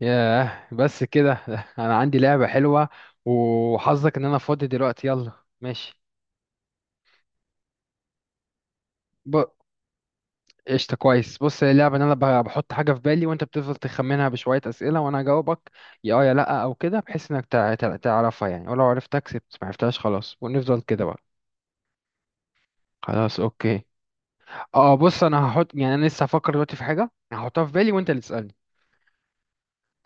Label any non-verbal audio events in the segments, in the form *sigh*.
ياه، بس كده. *laughs* انا عندي لعبة حلوة، وحظك ان انا فاضي دلوقتي. يلا. ماشي. ب... قشطة، كويس. بص، هي اللعبة ان انا بحط حاجة في بالي، وانت بتفضل تخمنها بشوية اسئلة وانا اجاوبك يا اه يا لا او كده، بحيث انك تعرفها يعني. ولو عرفتها كسبت، ما عرفتهاش خلاص، ونفضل كده بقى. خلاص، اوكي. اه، بص، انا هحط يعني انا لسه هفكر دلوقتي في حاجة هحطها في بالي، وانت اللي تسألني.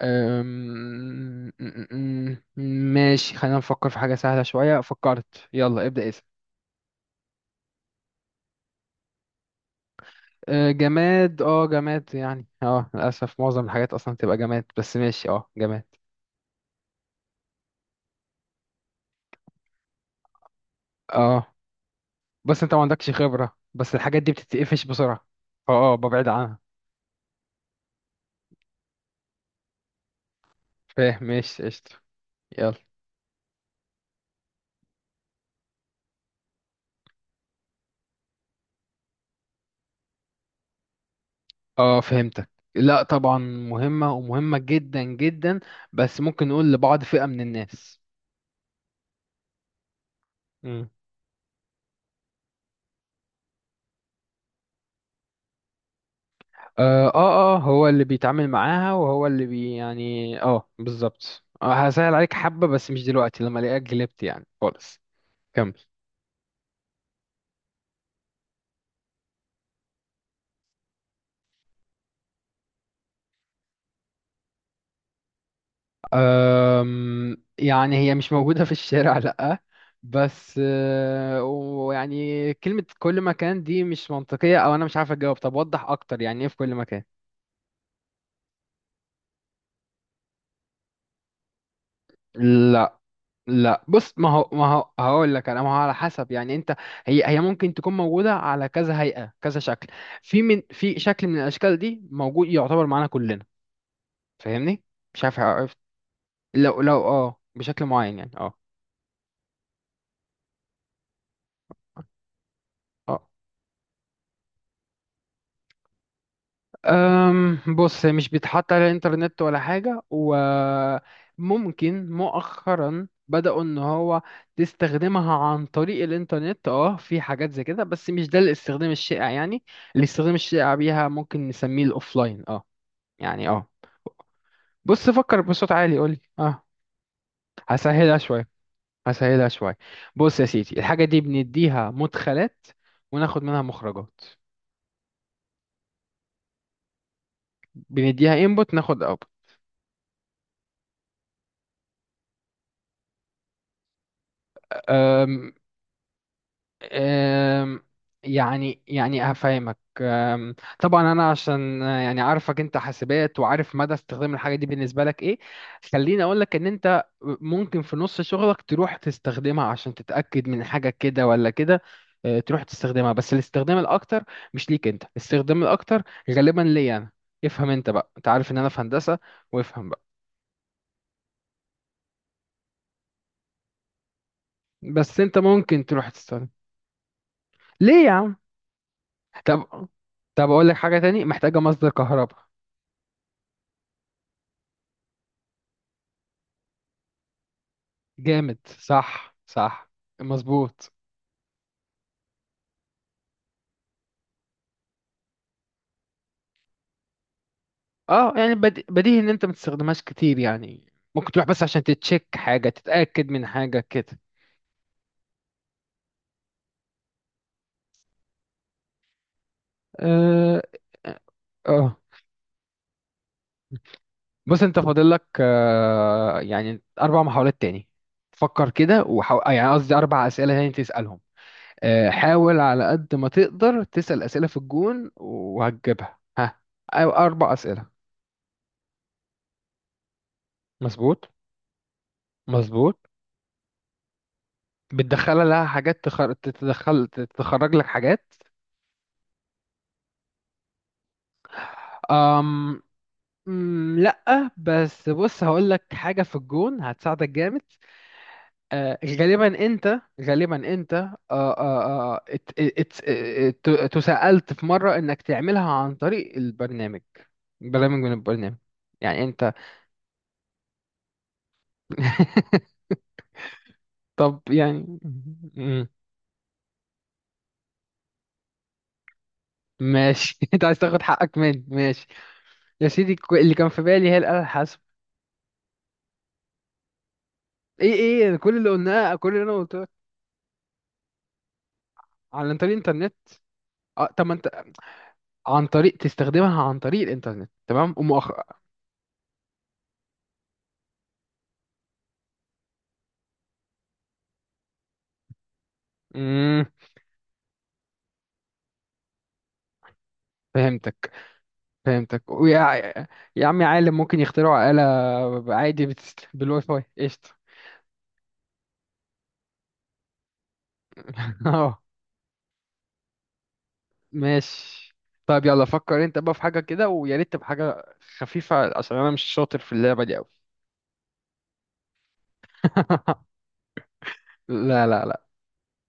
أم... م- م- م- ماشي، خلينا نفكر في حاجة سهلة شوية. فكرت، يلا ابدأ اسأل. جماد، جماد يعني. اه للأسف معظم الحاجات أصلا بتبقى جماد، بس ماشي، جماد. اه، بس انت ما عندكش خبرة، بس الحاجات دي بتتقفش بسرعة، فاه ببعد عنها. فاهم، ماشي، قشطة. يلا. اه، فهمتك. لا طبعا مهمة، ومهمة جدا جدا، بس ممكن نقول لبعض فئة من الناس. مم. هو اللي بيتعامل معاها، وهو اللي بي يعني اه بالظبط. هسهل عليك حبة، بس مش دلوقتي لما الاقيك جلبت يعني خالص. كمل. أم، يعني هي مش موجودة في الشارع، لأ. بس ويعني كلمة كل مكان دي مش منطقية، أو أنا مش عارف أجاوب. طب وضح أكتر، يعني إيه في كل مكان؟ لا لا، بص، ما هو ما هو هقول لك انا، ما هو على حسب يعني انت. هي ممكن تكون موجوده على كذا هيئه، كذا شكل. في، من في شكل من الاشكال دي موجود، يعتبر معانا كلنا. فاهمني؟ مش عارف، عرفت؟ لو لو اه بشكل معين يعني. اه اه أم بص، هي مش بيتحط على الانترنت ولا حاجة، وممكن مؤخرا بدأوا ان هو تستخدمها عن طريق الانترنت، في حاجات زي كده، بس مش ده الاستخدام الشائع يعني. الاستخدام الشائع بيها ممكن نسميه الاوفلاين. اه يعني اه بص، فكر بصوت عالي، قولي. اه هسهلها شوية، هسهلها شوية. بص يا سيدي، الحاجة دي بنديها مدخلات، وناخد منها مخرجات. بنديها انبوت، ناخد اوت. أم، يعني يعني هفهمك. طبعا انا عشان عارفك انت حاسبات، وعارف مدى استخدام الحاجه دي بالنسبه لك ايه. خليني اقول لك ان انت ممكن في نص شغلك تروح تستخدمها عشان تتاكد من حاجه كده ولا كده. تروح تستخدمها، بس الاستخدام الاكتر مش ليك انت. الاستخدام الاكتر غالبا ليا انا. افهم انت بقى، انت عارف ان انا في هندسه، وافهم بقى. بس انت ممكن تروح تستخدم. ليه يا عم؟ طب، اقول لك حاجه تاني، محتاجه مصدر كهرباء. جامد، صح صح. مظبوط. اه يعني بديهي ان انت ما تستخدمهاش كتير، يعني ممكن تروح بس عشان تتشيك حاجة، تتأكد من حاجة كده. اه. آه. آه. بص، انت فاضل لك اربع محاولات تاني. فكر كده وحاول، يعني قصدي اربع اسئلة تاني تسألهم. حاول على قد ما تقدر تسأل اسئلة في الجون وهتجيبها. ها، أو اربع اسئلة. مظبوط، مظبوط. بتدخلها لها حاجات تتدخل، تتخرج لك حاجات. أم مم، لأ. بس بص، هقول لك حاجة في الجون هتساعدك جامد. غالبا أنت آه آه آه ات ات ات تسألت في مرة إنك تعملها عن طريق البرنامج، برنامج من البرنامج، يعني أنت. *laughs* طب يعني مم، ماشي. *laughs* أنت عايز تاخد حقك مني، ماشي. يا سيدي، اللي كان في بالي هي الآلة الحاسبة. إيه كل اللي قلناه، كل اللي أنا قلته لك على طريق الإنترنت. طب ما انت، عن طريق تستخدمها عن طريق الانترنت تمام، ومؤخرا. امم فهمتك، فهمتك. ويا يا عمي، عالم ممكن يخترعوا آلة عادي بالواي فاي، قشطة. *laughs* اه ماشي. طيب، يلا فكر انت بقى في حاجة كده، ويا ريت تبقى حاجة خفيفة عشان انا مش شاطر في اللعبة دي قوي. *laughs* لا لا لا،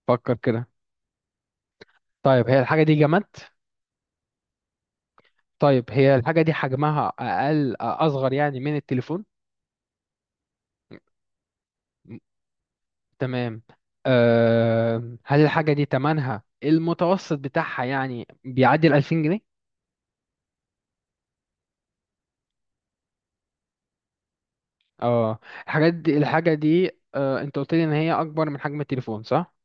فكر كده. طيب هي الحاجة دي جماد؟ طيب هي الحاجة دي حجمها أقل، أصغر يعني من التليفون؟ تمام. هل الحاجة دي تمنها المتوسط بتاعها يعني بيعدي ال 2000 جنيه؟ اه الحاجات دي الحاجة دي، انت قلت لي ان هي اكبر من حجم التليفون، صح؟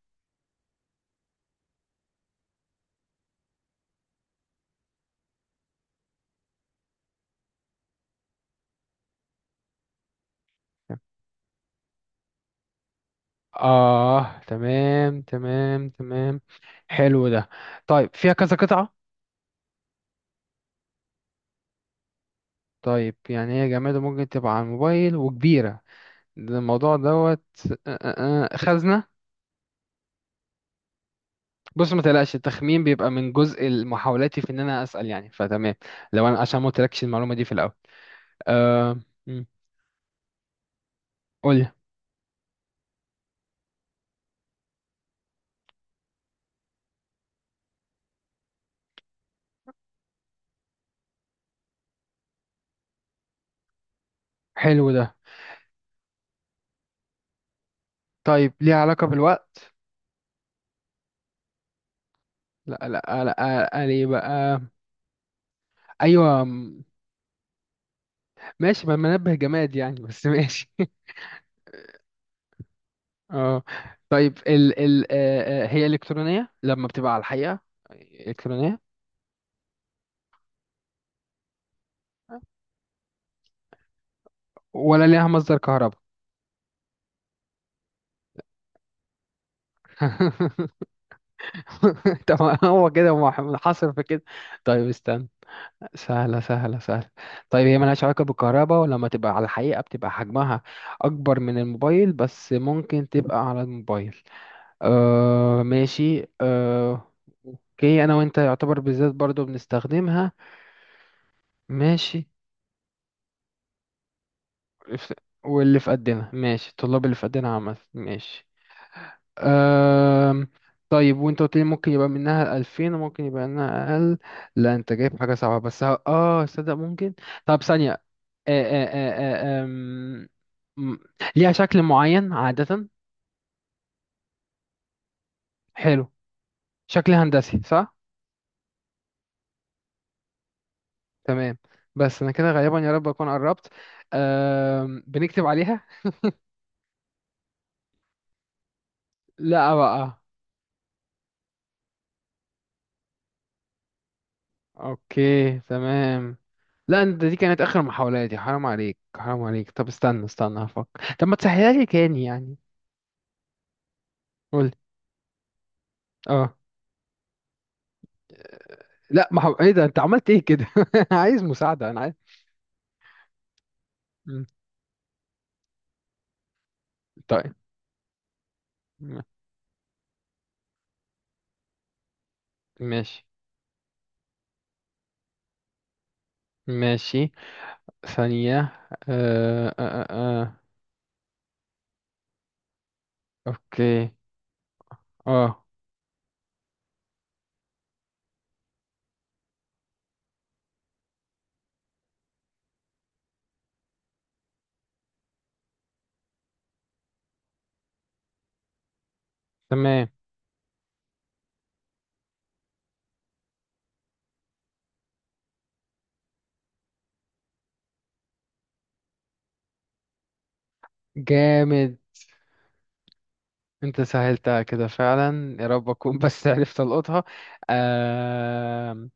اه، تمام تمام تمام، حلو ده. طيب فيها كذا قطعة؟ طيب يعني هي جماد، ممكن تبقى على الموبايل، وكبيرة. ده الموضوع دوت. خزنة؟ بص، ما تقلقش، التخمين بيبقى من جزء محاولاتي في ان انا اسأل يعني، فتمام لو انا عشان ما قلتلكش المعلومة دي في الاول. آه مم. قولي. حلو ده. طيب ليه علاقة بالوقت؟ لا لا لا، قال ايه بقى. ايوه، ماشي، ما منبه جماد يعني، بس ماشي. *laughs* اه. طيب ال ال آه آه، هي الكترونية لما بتبقى على الحقيقة الكترونية؟ ولا ليها مصدر كهرباء؟ *laughs* طب هو كده منحصر في كده. طيب استنى. سهلة سهلة سهلة. طيب هي ملهاش علاقة بالكهرباء، ولما تبقى على الحقيقة بتبقى حجمها أكبر من الموبايل، بس ممكن تبقى على الموبايل. ماشي. آه. اوكي، انا وانت يعتبر بالذات برضو بنستخدمها، ماشي. ف- واللي في قدنا، ماشي، الطلاب اللي في قدنا عامة، ماشي. آه. طيب وانت قلت لي ممكن يبقى منها 2000 وممكن يبقى منها اقل. لا انت جايب حاجة صعبة بس. صدق ممكن. طب ثانية. آه آه آه آه آم، م- ليها شكل معين عادة؟ حلو. شكل هندسي، صح؟ تمام. بس انا كده غالبا، يا رب اكون قربت. بنكتب عليها؟ لا بقى. اوكي تمام. لا انت، دي كانت اخر محاولاتي، حرام عليك حرام عليك. طب استنى، استنى هفكر. طب ما تسهلها لي تاني يعني. قول. اه لا، ما هو- ايه ده، انت عملت ايه كده. *laughs* عايز مساعدة، انا عايز. مم. طيب. م- ماشي، ماشي، ثانية. آه آه آه. آه. اوكي، اه تمام. جامد. انت سهلتها كده فعلا، يا رب اكون بس *laughs* عرفت القطها. آه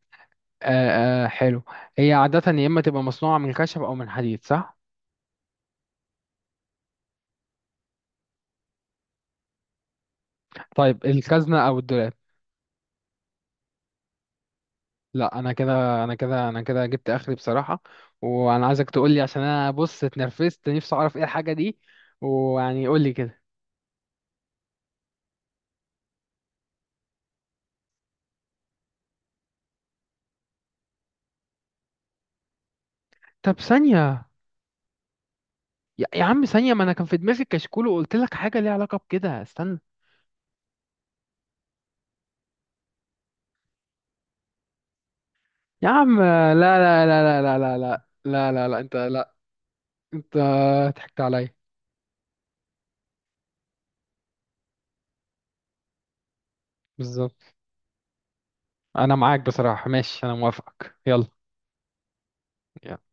حلو. هي عادة يا اما تبقى مصنوعة من خشب او من حديد، صح؟ طيب، الخزنة او الدولاب؟ لا، انا كده جبت اخري بصراحة. وانا عايزك تقول لي، عشان انا بص اتنرفزت، نفسي اعرف ايه الحاجة دي، ويعني قول لي كده. طب ثانية. يا عم ثانية، ما انا كان في دماغي كشكول وقلت لك حاجة ليها علاقة بكده، استنى. يا عم، لا لا لا لا لا لا لا لا لا لا، انت، لا انت ضحكت عليا. بالظبط، انا معاك بصراحة، ماشي، انا موافقك. يلا. يلا.